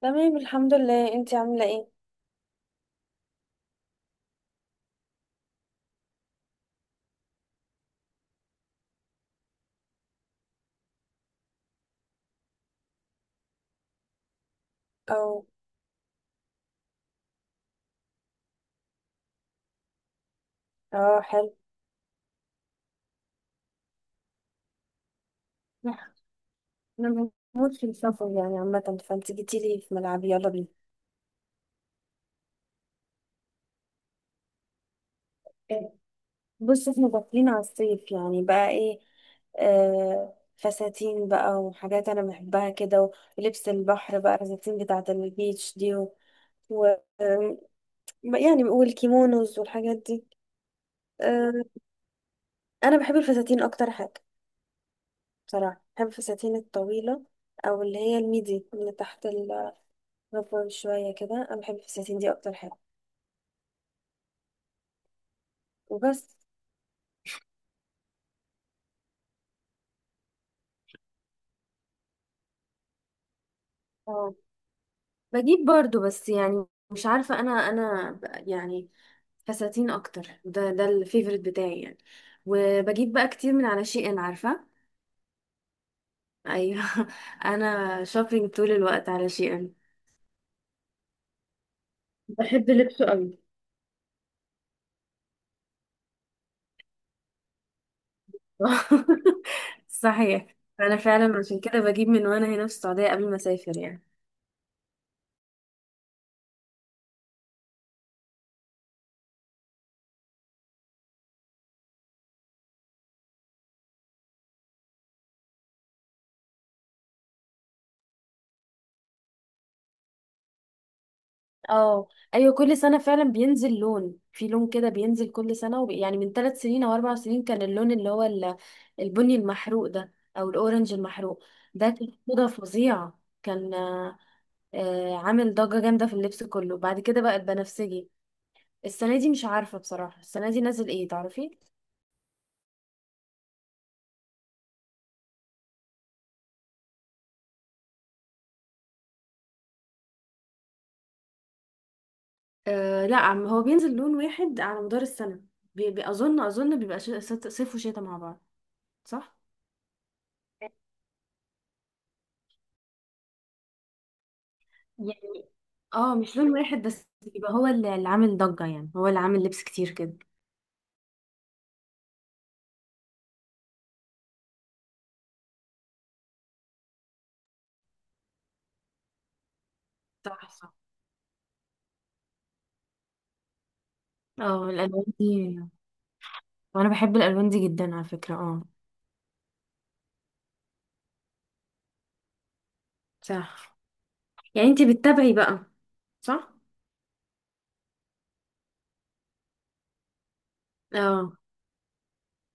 تمام الحمد لله، انتي عاملة ايه؟ او، اه، حلو. انا بموت في السفر يعني عامة، فانت جيتيلي في ملعبي، يلا بينا. إيه، بص احنا داخلين على الصيف يعني، بقى ايه؟ آه، فساتين بقى وحاجات انا بحبها كده، ولبس البحر بقى، الفساتين بتاعة البيتش دي و... و... آم، يعني، والكيمونوز والحاجات دي. آه انا بحب الفساتين اكتر حاجة. بصراحة بحب الفساتين الطويلة، أو اللي هي الميدي اللي تحت الربر شوية كده. أنا بحب الفساتين دي أكتر حاجة. وبس. اه، بجيب برضو، بس يعني مش عارفة، أنا يعني فساتين أكتر. ده الفيفوريت بتاعي يعني. وبجيب بقى كتير من على شي إن، عارفة؟ أيوه. أنا شوبينج طول الوقت على شي إن، بحب لبسه قوي. صحيح، أنا فعلا عشان كده بجيب من وأنا هنا في السعودية قبل ما أسافر يعني. اه، ايوه، كل سنه فعلا بينزل لون، في لون كده بينزل كل سنه، يعني من 3 سنين او 4 سنين كان اللون اللي هو البني المحروق ده، او الاورنج المحروق. ده كان موضه فظيعه كان. عامل ضجه جامده في اللبس كله. بعد كده بقى البنفسجي. السنه دي مش عارفه بصراحه، السنه دي نازل ايه، تعرفي؟ لا، عم هو بينزل لون واحد على مدار السنه. بي... بي... اظن اظن بيبقى صيف وشتاء مع بعض، صح؟ يعني اه، مش لون واحد بس. يبقى هو اللي عامل ضجة، يعني هو اللي عامل لبس كتير كده. صح، صح، اه، الالوان دي. وانا بحب الالوان دي جدا على فكرة، اه. صح. يعني انتي بتتابعي بقى، صح. اه.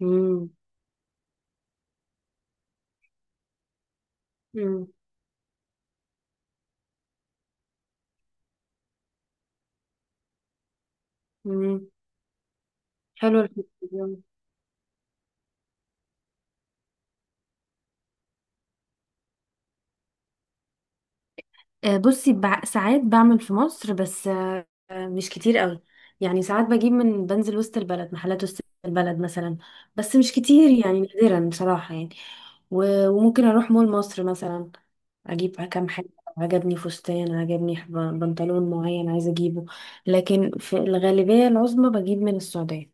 امم امم امم حلو الفكرة دي. بصي، ساعات بعمل في مصر، بس مش كتير قوي. يعني ساعات بجيب من، بنزل وسط البلد، محلات وسط البلد مثلا. بس مش كتير يعني، نادرا بصراحة يعني. وممكن اروح مول مصر مثلا، اجيب كام حاجه. عجبني فستان، عجبني بنطلون معين، عايزه اجيبه. لكن في الغالبيه العظمى بجيب من السعوديه،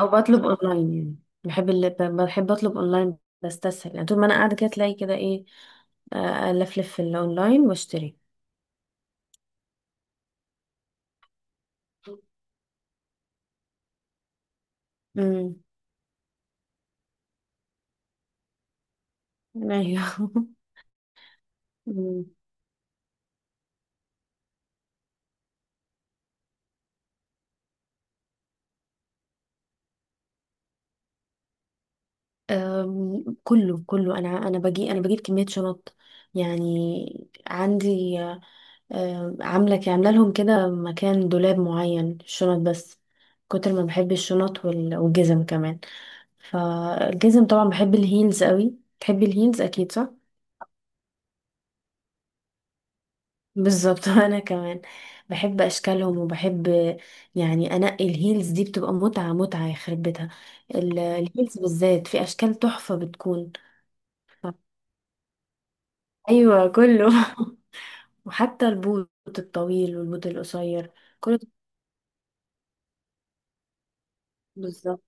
او بطلب اونلاين يعني. بحب اطلب اونلاين، بستسهل. يعني طول ما انا قاعده كده، تلاقي كده ايه، الفلف في الاونلاين واشتري. امم. ايوه. كله كله، انا باجي، انا بجيب كميه شنط. يعني عندي، عامله لهم كده مكان، دولاب معين الشنط بس. كتر ما بحب الشنط والجزم كمان. فالجزم طبعا بحب الهيلز قوي. تحبي الهيلز اكيد، صح؟ بالظبط. انا كمان بحب اشكالهم، وبحب يعني انقي الهيلز دي، بتبقى متعه متعه يخرب بيتها. الهيلز بالذات في اشكال تحفه بتكون. ايوه كله. وحتى البوت الطويل والبوت القصير، كله، بالظبط.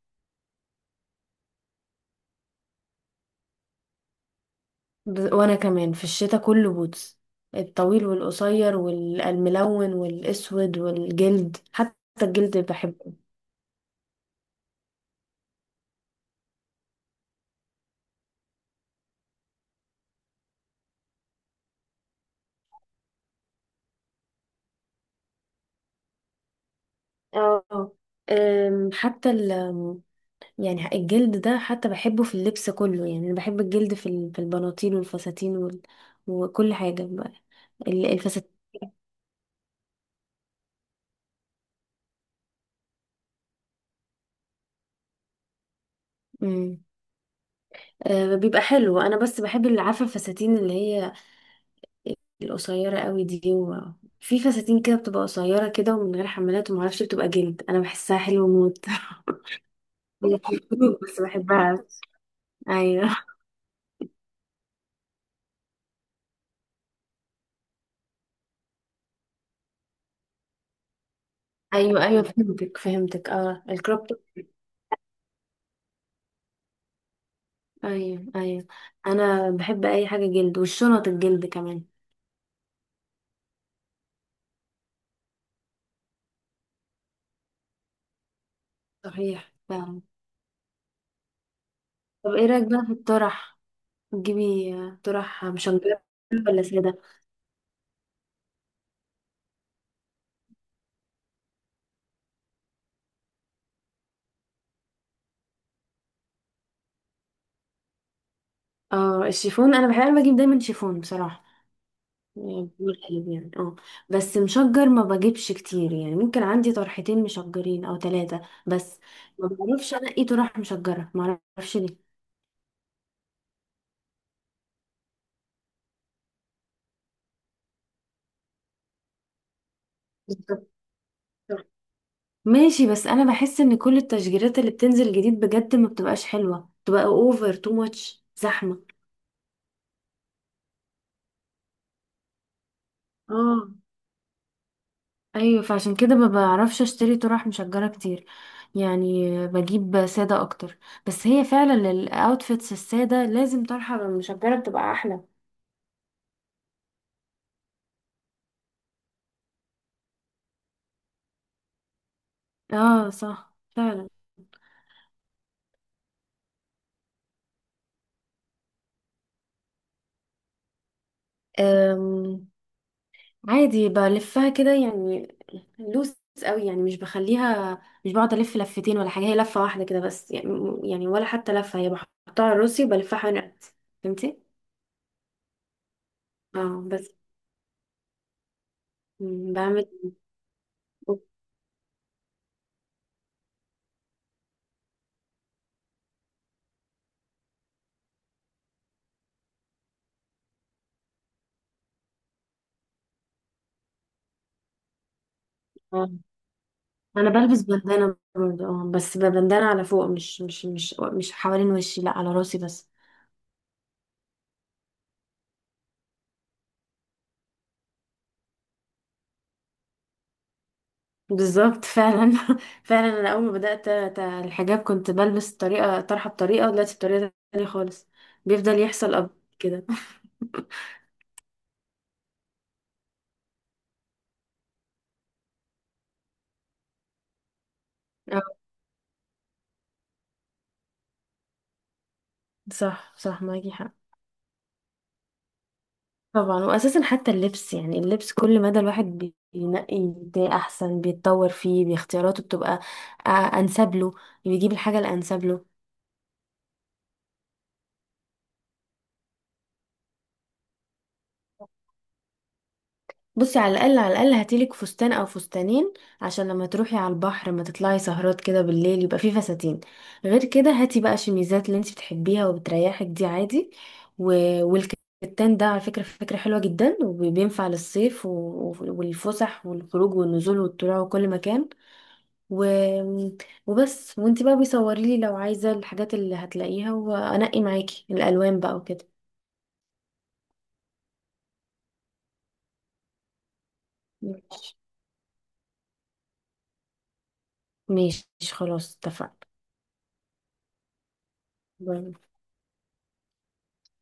وانا كمان في الشتاء كله بوتس، الطويل والقصير والملون والاسود والجلد حتى. الجلد بحبه. اه. أم، حتى ال أم، يعني الجلد ده حتى بحبه في اللبس كله. يعني انا بحب الجلد في البناطيل والفساتين وكل حاجه بقى. الفساتين. مم. بيبقى حلو. انا بس بحب اللي، عارفه الفساتين اللي هي القصيرة قوي دي. في فساتين كده بتبقى قصيرة كده، ومن غير حمالات ومعرفش، بتبقى جلد، أنا بحسها حلوة موت. هي حلوة، بس بحبها. أيوه. أيوه أيوه، فهمتك فهمتك، اه، الكروب توب. أيوه أيوه. أنا بحب أي حاجة جلد، والشنط الجلد كمان. صحيح فعلا. طب إيه رأيك بقى في الطرح، تجيبي طرح مشجرة ولا سادة؟ اه الشيفون، أنا بحب، أنا بجيب دايما شيفون بصراحة. بيقول حلو يعني، اه. بس مشجر ما بجيبش كتير، يعني ممكن عندي طرحتين مشجرين او 3 بس. ما بعرفش انقي، إيه طرح مشجرة ما اعرفش ليه. بالظبط. ماشي، بس انا بحس ان كل التشجيرات اللي بتنزل جديد بجد ما بتبقاش حلوة، بتبقى اوفر تو ماتش، زحمة. اه، ايوه، فعشان كده ما بعرفش اشتري طرح مشجرة كتير. يعني بجيب سادة اكتر. بس هي فعلا الاوتفيتس السادة لازم طرحة مشجرة، بتبقى احلى. اه، صح فعلا. أم، عادي بلفها كده يعني، لوس قوي. يعني مش بخليها، مش بقعد الف لفتين ولا حاجه، هي لفه واحده كده بس يعني ولا حتى لفه. هي بحطها على راسي وبلفها حوالين رقبتي، فهمتي؟ اه، بس بعمل. آه. انا بلبس بندانه برضه، اه، بس بندانه على فوق، مش حوالين وشي، لا على راسي بس. بالظبط، فعلا. فعلا انا اول ما بدات الحجاب كنت بلبس بطريقه، طرحه بطريقه، ودلوقتي بطريقه تانية خالص. بيفضل يحصل اب كده. اه، صح صح، معاكي حق. طبعا، واساسا حتى اللبس يعني، اللبس كل مدى الواحد بينقي ده احسن، بيتطور فيه، باختياراته بتبقى آه، انسب له، بيجيب الحاجه الانسب له. بصي، على الاقل على الاقل هاتيلك فستان او فستانين، عشان لما تروحي على البحر، ما تطلعي سهرات كده بالليل، يبقى فيه فساتين. غير كده هاتي بقى شميزات، اللي انت بتحبيها وبتريحك دي عادي و... والكتان ده على فكرة فكرة حلوة جدا، وبينفع للصيف، والفسح والخروج والنزول والطلوع وكل مكان و... وبس. وانت بقى بيصوري لي لو عايزة الحاجات اللي هتلاقيها، وانقي معاكي الالوان بقى وكده. ماشي، ماشي، خلاص اتفقنا. باي.